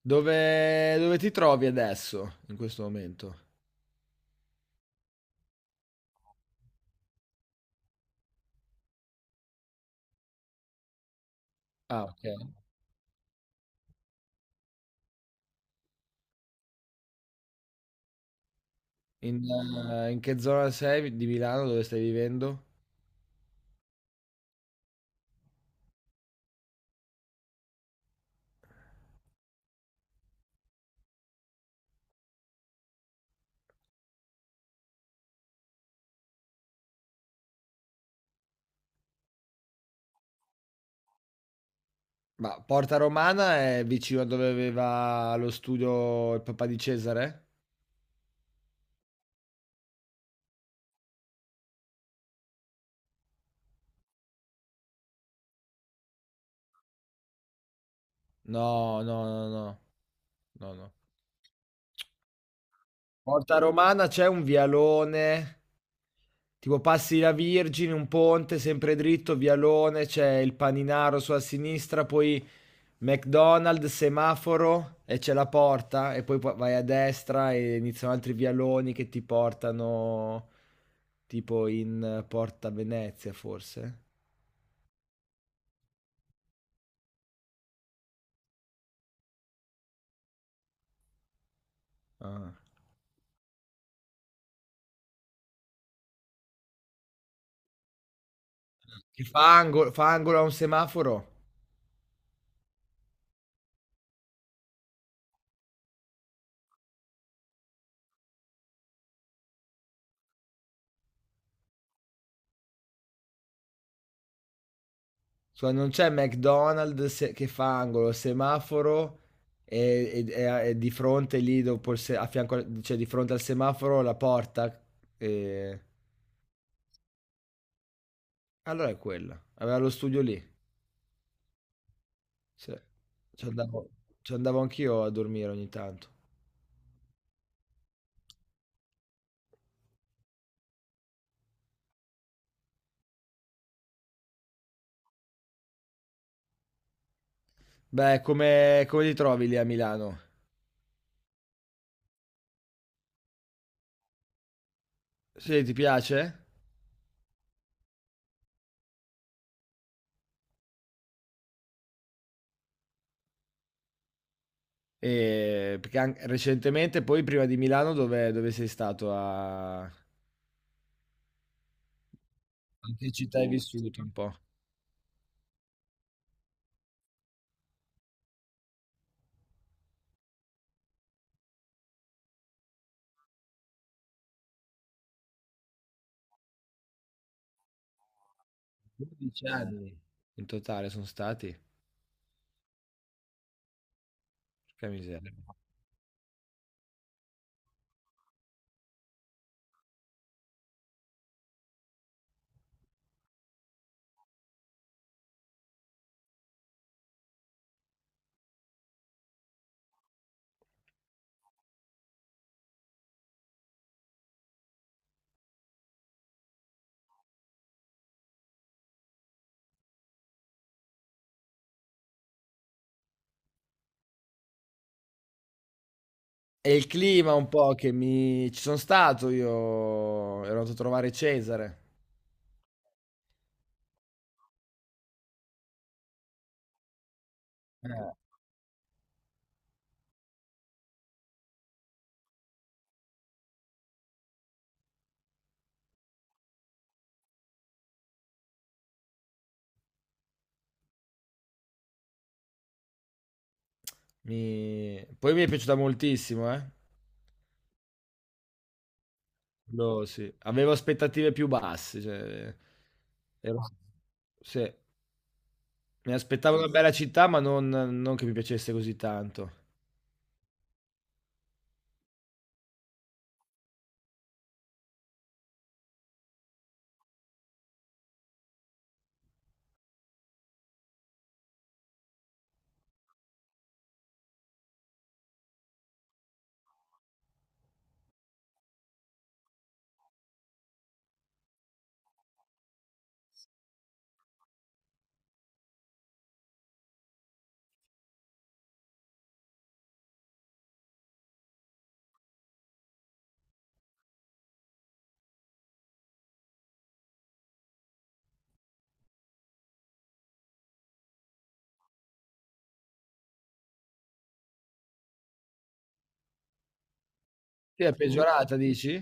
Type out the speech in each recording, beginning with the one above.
Dove, dove ti trovi adesso, in questo momento? Ah, ok. In, in che zona sei di Milano, dove stai vivendo? Ma Porta Romana è vicino a dove aveva lo studio il papà di Cesare? No, no, no, no, no, no. Porta Romana c'è un vialone, tipo passi la Virgine, un ponte sempre dritto, vialone, c'è il Paninaro sulla sinistra, poi McDonald's, semaforo e c'è la porta e poi vai a destra e iniziano altri vialoni che ti portano tipo in Porta Venezia forse. Ah. Che fa angolo a un semaforo. Cioè, non c'è McDonald's che fa angolo, semaforo e, e di fronte lì dopo il a fianco, cioè di fronte al semaforo la porta. e- Allora è quella. Aveva lo studio lì. Sì, ci andavo ci andavo anch'io a dormire ogni tanto. Beh, come come ti trovi lì a Milano? Sì, ti piace? Perché an recentemente poi prima di Milano dove dove sei stato a in che città hai vissuto un po'? 12 anni in totale son stati? Porca miseria. È il clima un po' che mi ci son stato io, ero andato a trovare Cesare. Eh. Mi Poi mi è piaciuta moltissimo, eh. No, sì. Avevo aspettative più basse, cioè ero sì, mi aspettavo una bella città, ma non non che mi piacesse così tanto. Sì, è peggiorata dici?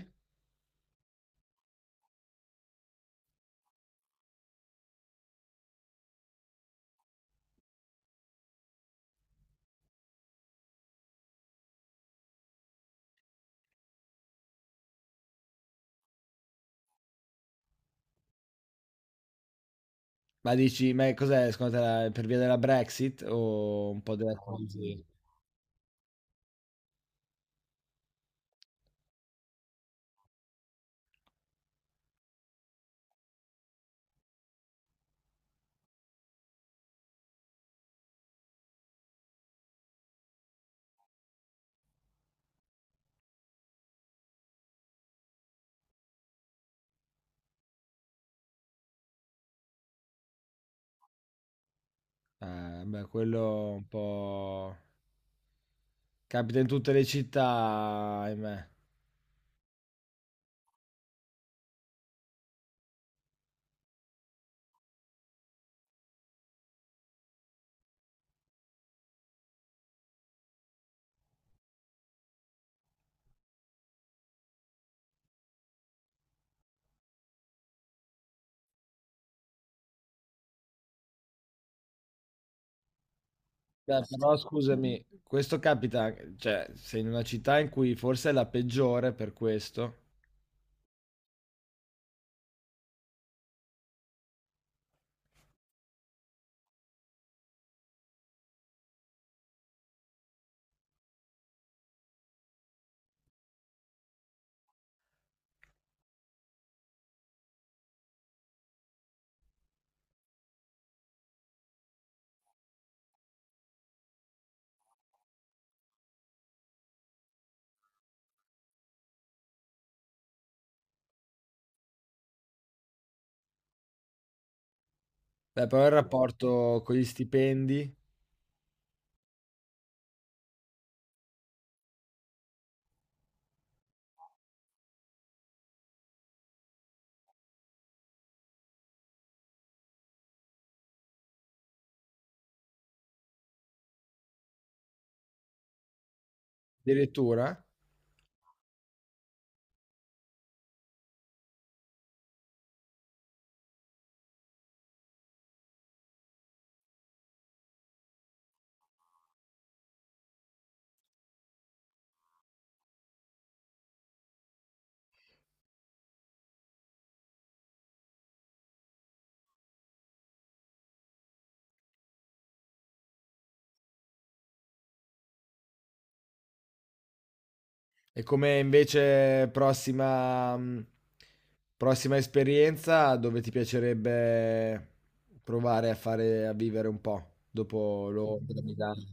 Ma dici, cos'è secondo te, la per via della Brexit o un po' della crisi? Beh, quello un po' capita in tutte le città, ahimè. Beh, però scusami, questo capita, cioè sei in una città in cui forse è la peggiore per questo. Beh, però il rapporto con gli stipendi. Addirittura? E come invece prossima, prossima esperienza dove ti piacerebbe provare a fare, a vivere un po' dopo Londra, Milano?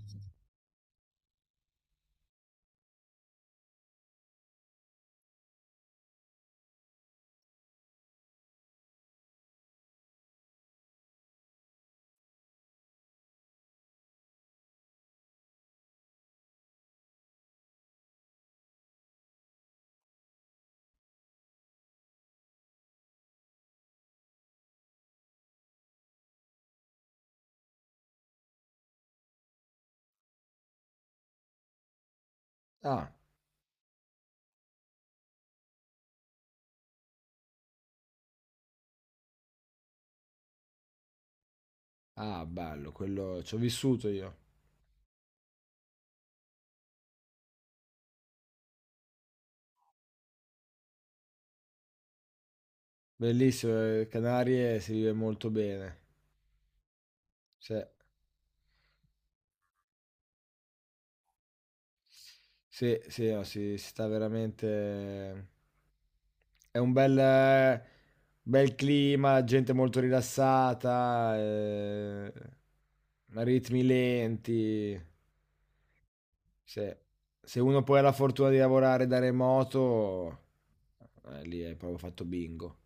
Ah, ah, bello, quello ci ho vissuto io. Bellissimo, Canarie si vive molto bene. Sì, sì, sì, no, si sta veramente. È un bel, bel clima, gente molto rilassata, ritmi lenti. Se, se uno poi ha la fortuna di lavorare da remoto, lì hai proprio fatto bingo.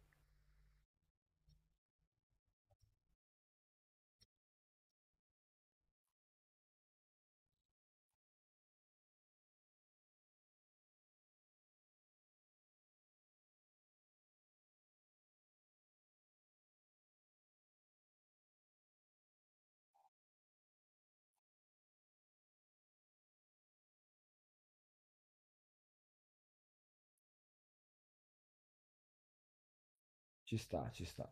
Ci sta, ci sta.